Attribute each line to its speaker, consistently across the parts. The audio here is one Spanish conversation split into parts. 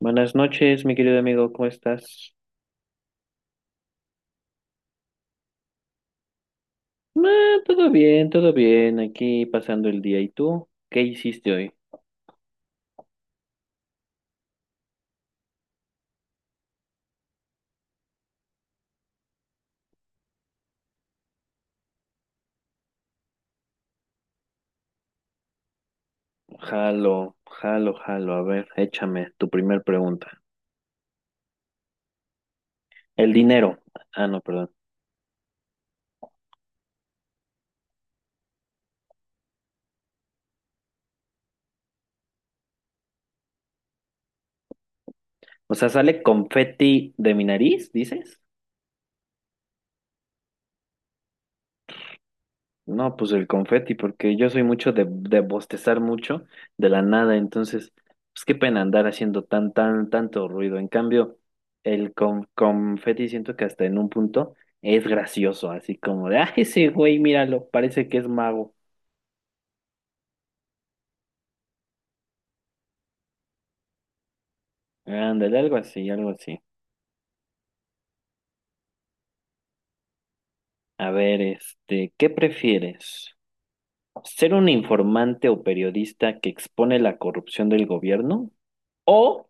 Speaker 1: Buenas noches, mi querido amigo, ¿cómo estás? Ah, todo bien, aquí pasando el día. ¿Y tú? ¿Qué hiciste hoy? Jalo, jalo, jalo. A ver, échame tu primer pregunta. El dinero. Ah, no, perdón. O sea, ¿sale confeti de mi nariz, dices? No, pues el confeti, porque yo soy mucho de bostezar mucho de la nada, entonces, pues qué pena andar haciendo tan, tan, tanto ruido. En cambio, el confeti siento que hasta en un punto es gracioso, así como de, ah, ese güey, míralo, parece que es mago. Ándale, algo así, algo así. A ver, ¿qué prefieres? ¿Ser un informante o periodista que expone la corrupción del gobierno? ¿O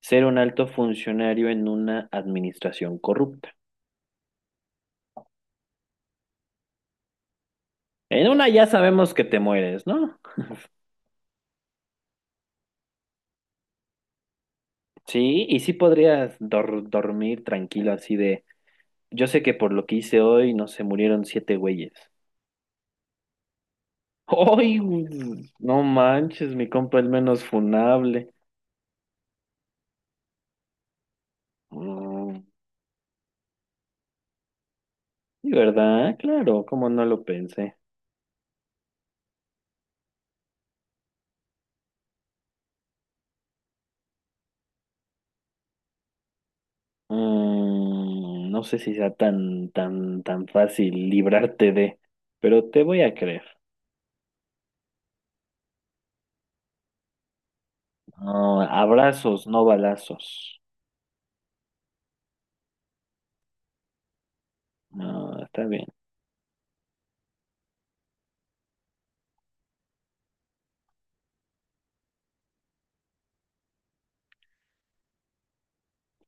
Speaker 1: ser un alto funcionario en una administración corrupta? En una ya sabemos que te mueres, ¿no? Sí, y sí podrías dormir tranquilo así de, yo sé que por lo que hice hoy no se murieron siete güeyes. ¡Ay! ¡Güey! No manches, mi compa el menos funable. Mm, ¿y verdad? Claro, como no lo pensé. No sé si sea tan, tan, tan fácil librarte de, pero te voy a creer. No, abrazos, no balazos. No, está bien.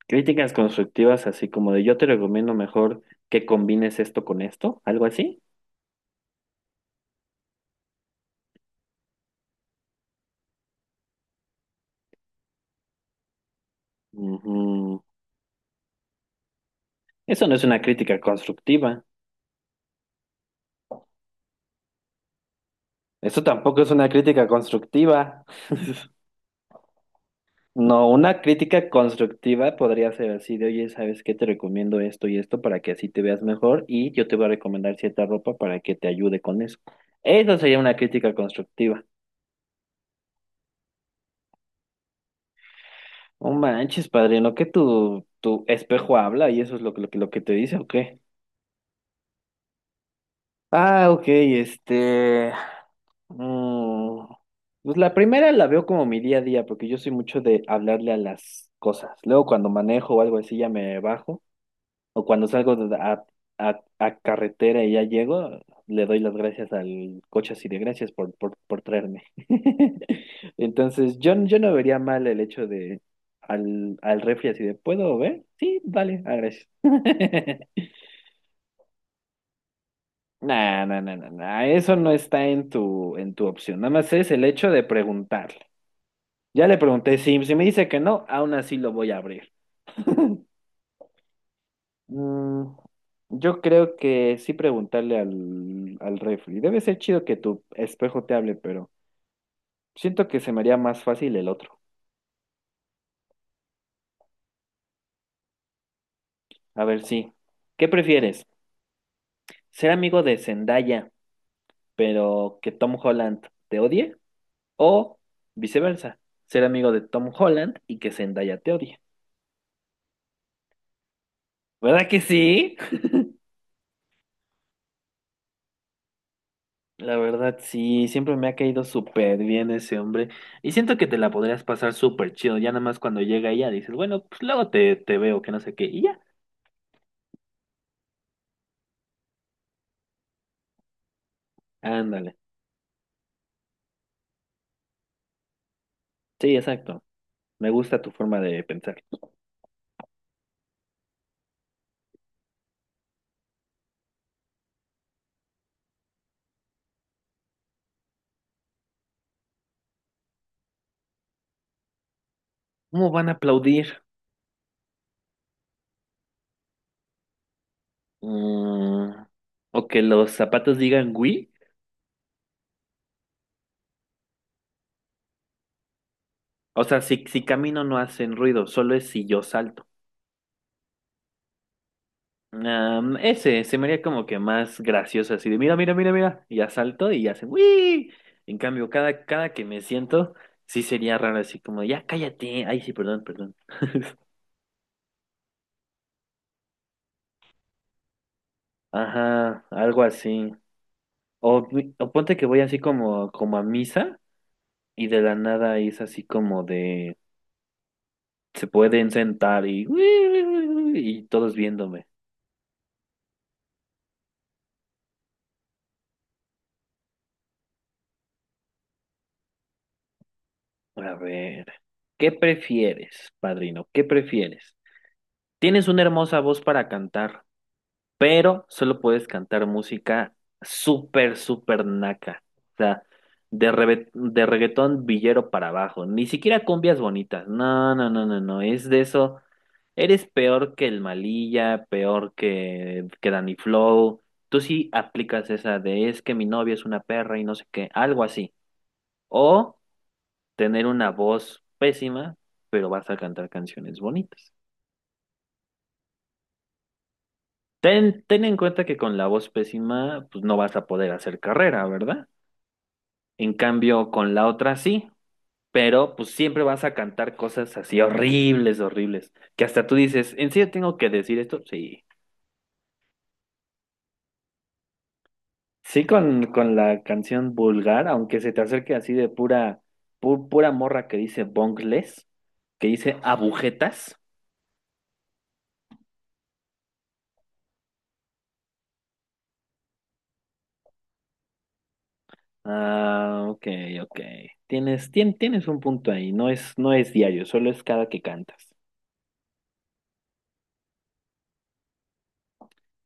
Speaker 1: Críticas constructivas, así como de yo te recomiendo mejor que combines esto con esto, algo así. Ujú. Eso no es una crítica constructiva. Eso tampoco es una crítica constructiva. No, una crítica constructiva podría ser así de, oye, ¿sabes qué? Te recomiendo esto y esto para que así te veas mejor y yo te voy a recomendar cierta ropa para que te ayude con eso. Eso sería una crítica constructiva. No manches, padrino, que tu espejo habla y eso es lo que te dice, ¿o qué? Ah, ok, este... mm, pues la primera la veo como mi día a día, porque yo soy mucho de hablarle a las cosas. Luego cuando manejo o algo así ya me bajo, o cuando salgo a, a carretera y ya llego, le doy las gracias al coche así de gracias por traerme. Entonces yo no vería mal el hecho de al refri así de, ¿puedo ver? Sí, vale, ah, gracias. Nah, nah, nah, nah, nah, eso no está en en tu opción. Nada más es el hecho de preguntarle. Ya le pregunté, si me dice que no, aún así lo voy a abrir. Mm, yo creo que sí preguntarle al refri. Debe ser chido que tu espejo te hable, pero siento que se me haría más fácil el otro. A ver, sí. ¿Qué prefieres? ¿Ser amigo de Zendaya, pero que Tom Holland te odie? ¿O viceversa? ¿Ser amigo de Tom Holland y que Zendaya te odie? ¿Verdad que sí? La verdad, sí, siempre me ha caído súper bien ese hombre. Y siento que te la podrías pasar súper chido. Ya nada más cuando llega ella dices, bueno, pues luego te veo, que no sé qué. Y ya, ándale. Sí, exacto. Me gusta tu forma de pensar. ¿Cómo van a aplaudir? Mm, o que los zapatos digan, oui. O sea, si camino no hacen ruido, solo es si yo salto. Am, ese se me haría como que más gracioso, así de mira, mira, mira, mira, y ya salto y ya se ¡Wii! En cambio, cada, cada que me siento, sí sería raro, así como ya cállate, ay, sí, perdón, perdón. Ajá, algo así. O, o ponte que voy así como, como a misa y de la nada es así como de se pueden sentar y, uy y todos viéndome. A ver, ¿qué prefieres, padrino? ¿Qué prefieres? Tienes una hermosa voz para cantar pero solo puedes cantar música súper, súper naca. O sea, de, de reggaetón villero para abajo. Ni siquiera cumbias bonitas. No, no, no, no, no. Es de eso. Eres peor que el Malilla, peor que Danny Flow. Tú sí aplicas esa de es que mi novia es una perra y no sé qué, algo así. O tener una voz pésima, pero vas a cantar canciones bonitas. Ten, ten en cuenta que con la voz pésima, pues no vas a poder hacer carrera, ¿verdad? En cambio, con la otra sí, pero pues siempre vas a cantar cosas así horribles, horribles, que hasta tú dices, ¿en serio tengo que decir esto? Sí. Sí, con la canción vulgar, aunque se te acerque así de pura, pura morra que dice bongles, que dice agujetas. Ah, ok, ok. Tienes un punto ahí, no es diario, solo es cada que cantas.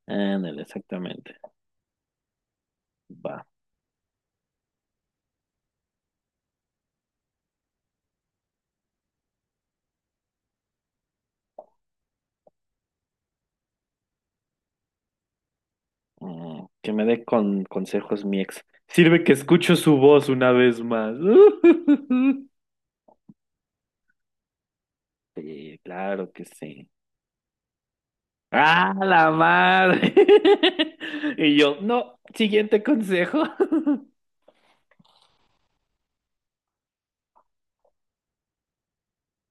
Speaker 1: Ándale, exactamente. Va. Mm, que me dé con consejos mi ex. Sirve que escucho su voz una vez más. Sí, claro que sí. ¡Ah, la madre! Y yo, no, siguiente consejo.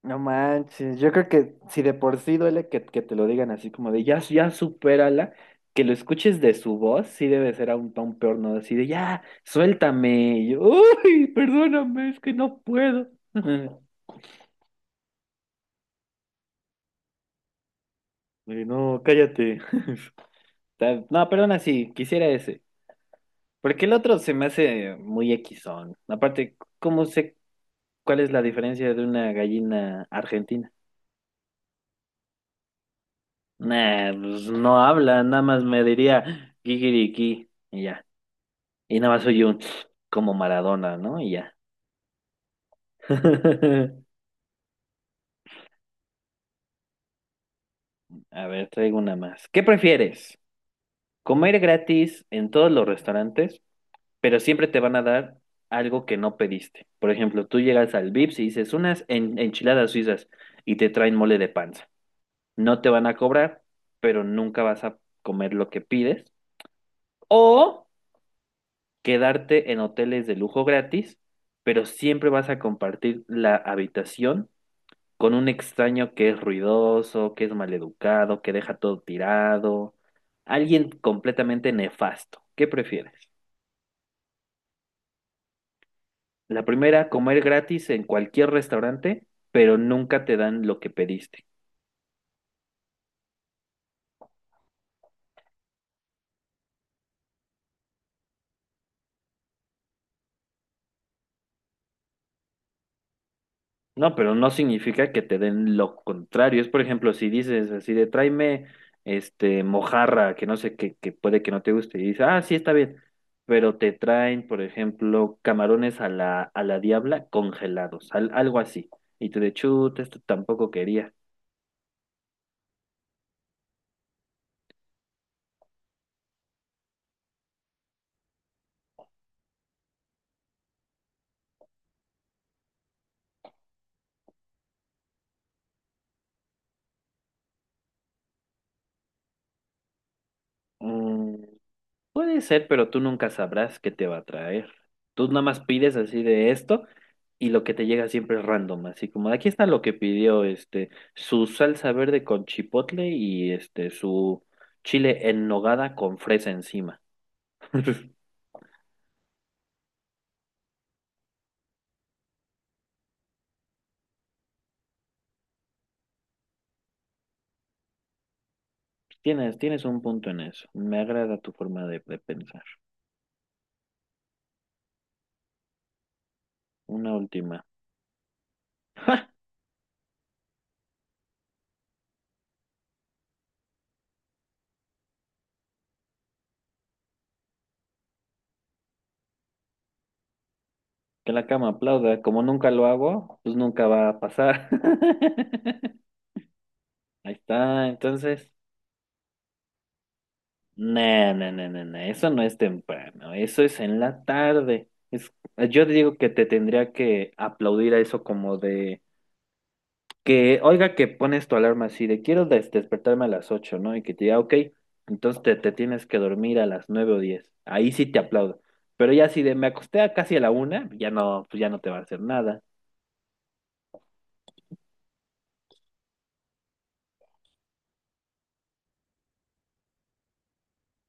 Speaker 1: No manches, yo creo que si de por sí duele que te lo digan así como de ya, ya supérala, que lo escuches de su voz, sí debe ser aún tan peor, ¿no? Así de ya, suéltame. Y yo, uy, perdóname, es que no puedo. Y no, cállate. No, perdona, sí, quisiera ese. Porque el otro se me hace muy equisón. Aparte, ¿cómo sé cuál es la diferencia de una gallina argentina? Nah, pues no habla, nada más me diría kikiriki y ya. Y nada más soy un como Maradona, ¿no? Y ya. A ver, traigo una más. ¿Qué prefieres? ¿Comer gratis en todos los restaurantes pero siempre te van a dar algo que no pediste? Por ejemplo, tú llegas al Vips y dices unas enchiladas suizas y te traen mole de panza. No te van a cobrar, pero nunca vas a comer lo que pides. O quedarte en hoteles de lujo gratis, pero siempre vas a compartir la habitación con un extraño que es ruidoso, que es maleducado, que deja todo tirado, alguien completamente nefasto. ¿Qué prefieres? La primera, comer gratis en cualquier restaurante, pero nunca te dan lo que pediste. No, pero no significa que te den lo contrario. Es, por ejemplo, si dices así de tráeme este mojarra, que no sé qué, que puede que no te guste, y dices, ah, sí, está bien, pero te traen, por ejemplo, camarones a a la diabla congelados, algo así. Y tú de chuta, esto tampoco quería. Mm, puede ser, pero tú nunca sabrás qué te va a traer. Tú nada más pides así de esto y lo que te llega siempre es random, así como aquí está lo que pidió este su salsa verde con chipotle y este su chile en nogada con fresa encima. Tienes un punto en eso. Me agrada tu forma de pensar. Una última. ¡Ja! Que la cama aplauda. Como nunca lo hago, pues nunca va a pasar. Ahí está, entonces. No, no, no, no, no, eso no es temprano, eso es en la tarde. Es, yo digo que te tendría que aplaudir a eso como de que, oiga, que pones tu alarma así de quiero despertarme a las 8, ¿no? Y que te diga, ok, entonces te tienes que dormir a las 9 o 10. Ahí sí te aplaudo. Pero ya si de me acosté a casi a la una, ya no, pues ya no te va a hacer nada.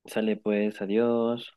Speaker 1: Sale pues, adiós.